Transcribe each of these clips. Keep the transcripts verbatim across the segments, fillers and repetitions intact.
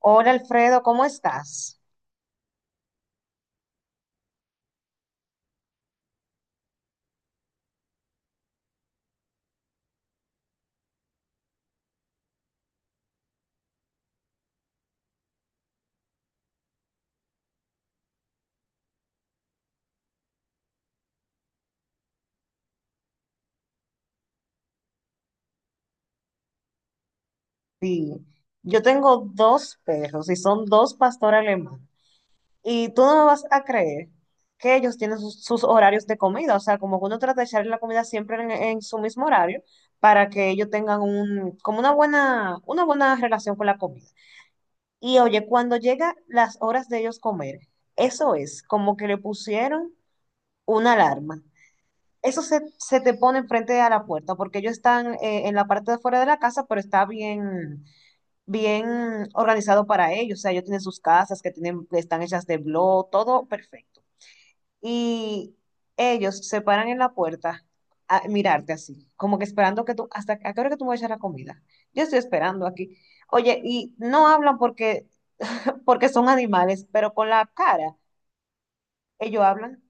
Hola Alfredo, ¿cómo estás? Sí, yo tengo dos perros y son dos pastor alemán. Y tú no me vas a creer que ellos tienen sus, sus horarios de comida, o sea, como que uno trata de echarle la comida siempre en, en su mismo horario para que ellos tengan un, como una buena, una buena relación con la comida. Y oye, cuando llega las horas de ellos comer, eso es como que le pusieron una alarma. Eso se, se te pone enfrente a la puerta, porque ellos están eh, en la parte de fuera de la casa, pero está bien, bien organizado para ellos. O sea, ellos tienen sus casas que tienen, que están hechas de blog, todo perfecto. Y ellos se paran en la puerta a mirarte así, como que esperando que tú, hasta a qué hora que tú me vas a echar la comida. Yo estoy esperando aquí. Oye, y no hablan porque, porque son animales, pero con la cara, ellos hablan.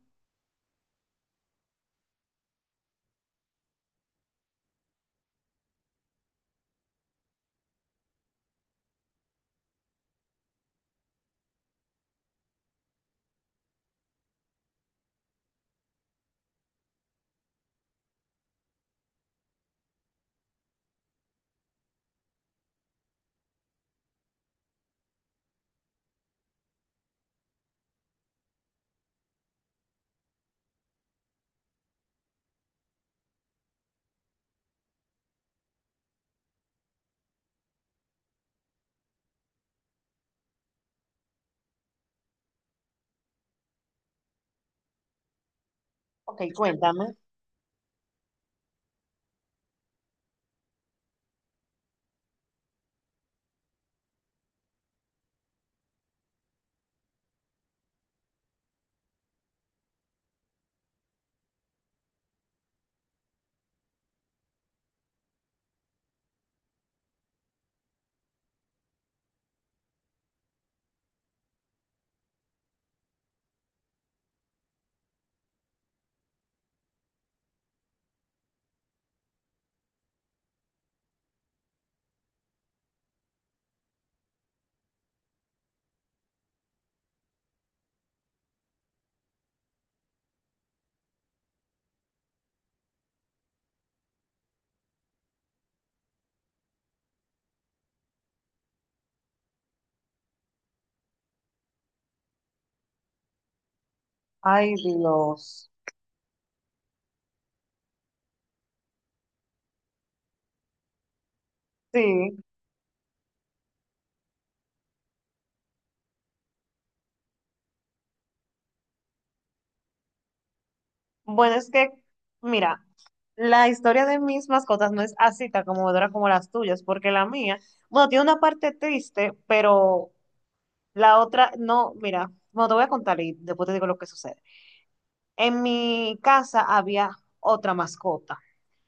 Ok, cuéntame. Ay, Dios. Sí. Bueno, es que, mira, la historia de mis mascotas no es así tan conmovedora como las tuyas, porque la mía, bueno, tiene una parte triste, pero la otra, no, mira, bueno, te voy a contar y después te digo lo que sucede. En mi casa había otra mascota.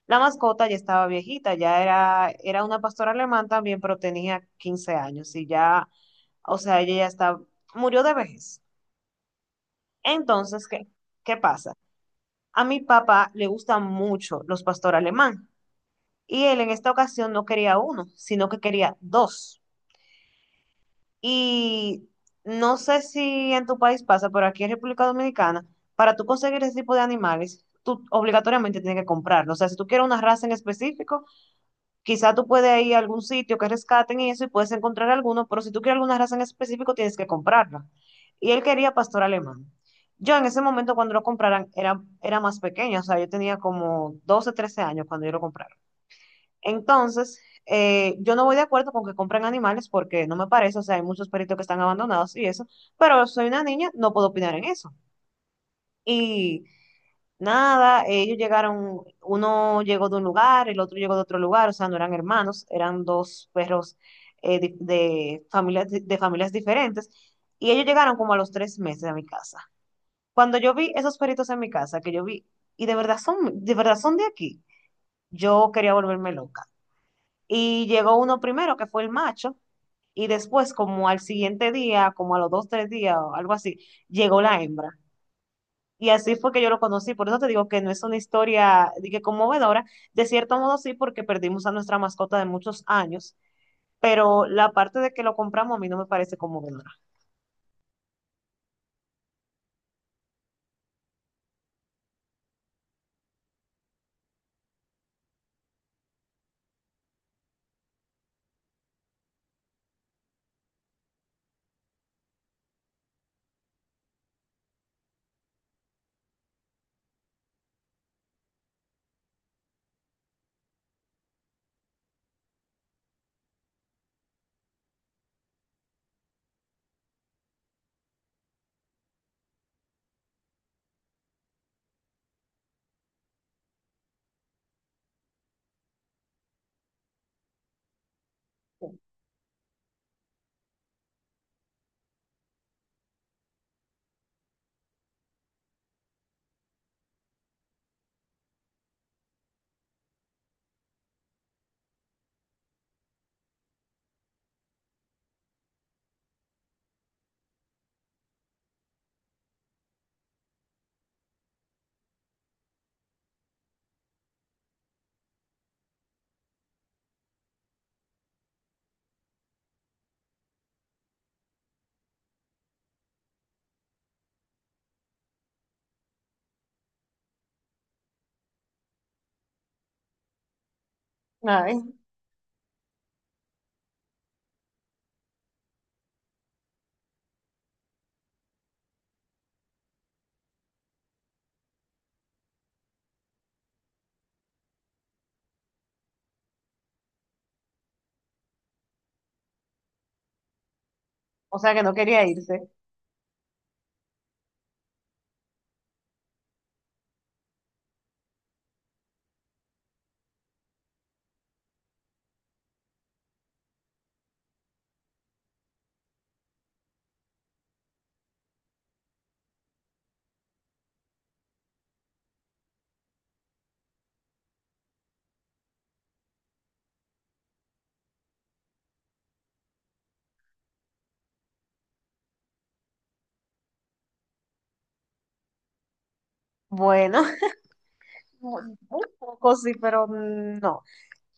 La mascota ya estaba viejita, ya era, era una pastora alemán también, pero tenía quince años y ya, o sea, ella ya está, murió de vejez. Entonces, ¿qué, qué pasa? A mi papá le gustan mucho los pastores alemán. Y él en esta ocasión no quería uno, sino que quería dos. Y no sé si en tu país pasa, pero aquí en República Dominicana, para tú conseguir ese tipo de animales, tú obligatoriamente tienes que comprarlo. O sea, si tú quieres una raza en específico, quizá tú puedes ir a algún sitio que rescaten y eso y puedes encontrar alguno, pero si tú quieres alguna raza en específico, tienes que comprarla. Y él quería pastor alemán. Yo en ese momento cuando lo compraran era, era más pequeña, o sea, yo tenía como doce trece años cuando yo lo compré. Entonces, eh, yo no voy de acuerdo con que compren animales porque no me parece, o sea, hay muchos perritos que están abandonados y eso, pero soy una niña, no puedo opinar en eso. Y nada, ellos llegaron, uno llegó de un lugar, el otro llegó de otro lugar, o sea, no eran hermanos, eran dos perros eh, di- de, familias, de familias diferentes, y ellos llegaron como a los tres meses a mi casa. Cuando yo vi esos perritos en mi casa, que yo vi, y de verdad son, de verdad son de aquí, yo quería volverme loca. Y llegó uno primero, que fue el macho, y después, como al siguiente día, como a los dos, tres días o algo así, llegó la hembra. Y así fue que yo lo conocí. Por eso te digo que no es una historia de que conmovedora. De cierto modo sí, porque perdimos a nuestra mascota de muchos años, pero la parte de que lo compramos a mí no me parece conmovedora. Ay, o sea que no quería irse. Bueno, un poco sí, pero mm, no.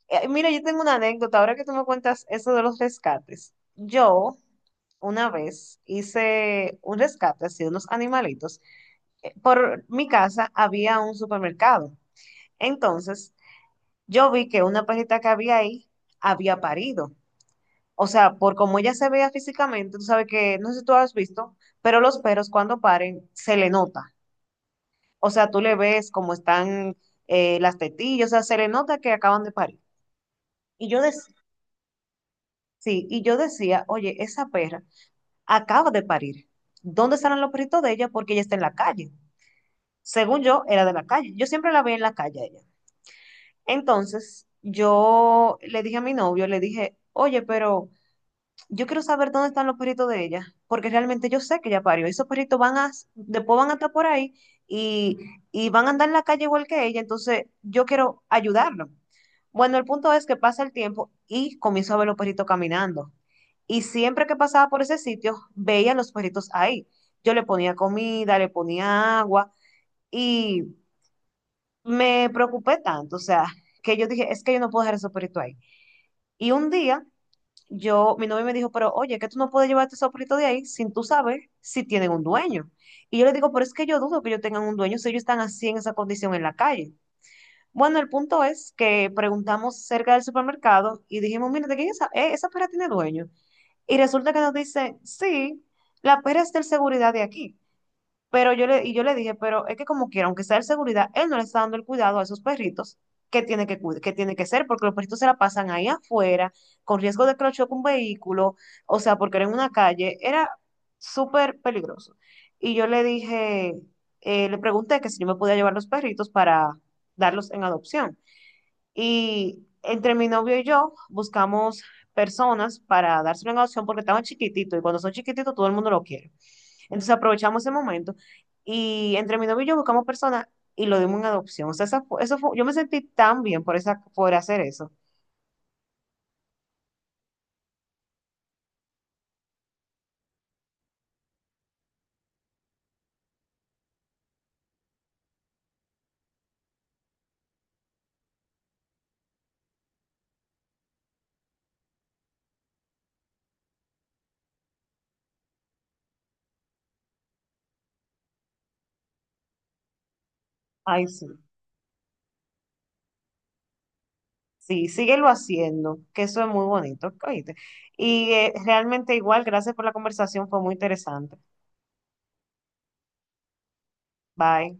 Eh, mira, yo tengo una anécdota. Ahora que tú me cuentas eso de los rescates, yo una vez hice un rescate así de unos animalitos. Eh, Por mi casa había un supermercado. Entonces, yo vi que una perrita que había ahí había parido. O sea, por cómo ella se veía físicamente, tú sabes que, no sé si tú has visto, pero los perros cuando paren se le nota. O sea, tú le ves cómo están eh, las tetillas, o sea, se le nota que acaban de parir. Y yo decía, sí, y yo decía, oye, esa perra acaba de parir. ¿Dónde estarán los perritos de ella? Porque ella está en la calle. Según yo, era de la calle. Yo siempre la vi en la calle a ella. Entonces, yo le dije a mi novio, le dije, oye, pero yo quiero saber dónde están los perritos de ella, porque realmente yo sé que ella parió. Esos perritos van a, después van a estar por ahí y, y van a andar en la calle igual que ella, entonces yo quiero ayudarlo. Bueno, el punto es que pasa el tiempo y comienzo a ver los perritos caminando. Y siempre que pasaba por ese sitio, veía los perritos ahí. Yo le ponía comida, le ponía agua y me preocupé tanto, o sea, que yo dije, es que yo no puedo dejar el soporito ahí. Y un día, yo, mi novio me dijo, pero oye, que tú no puedes llevar este soporito de ahí sin tú saber si tienen un dueño. Y yo le digo, pero es que yo dudo que ellos tengan un dueño si ellos están así en esa condición en la calle. Bueno, el punto es que preguntamos cerca del supermercado y dijimos, mira, ¿de quién es esa? Eh, esa perra tiene dueño. Y resulta que nos dicen, sí, la perra es del seguridad de aquí. Pero yo le, y yo le dije, pero es que como quiera, aunque sea de seguridad, él no le está dando el cuidado a esos perritos que tiene que, cuid- que tiene que ser, porque los perritos se la pasan ahí afuera, con riesgo de que lo choque un vehículo, o sea, porque era en una calle, era súper peligroso. Y yo le dije, eh, le pregunté que si yo me podía llevar los perritos para darlos en adopción. Y entre mi novio y yo buscamos personas para dárselo en adopción porque estaban chiquititos y cuando son chiquititos todo el mundo lo quiere. Entonces aprovechamos ese momento y entre mi novio y yo buscamos personas y lo dimos en adopción. O sea, esa fu- eso fue- yo me sentí tan bien por, esa, por hacer eso. Ay, sí. Sí, síguelo haciendo, que eso es muy bonito, ¿oíste? Y eh, realmente igual, gracias por la conversación, fue muy interesante. Bye.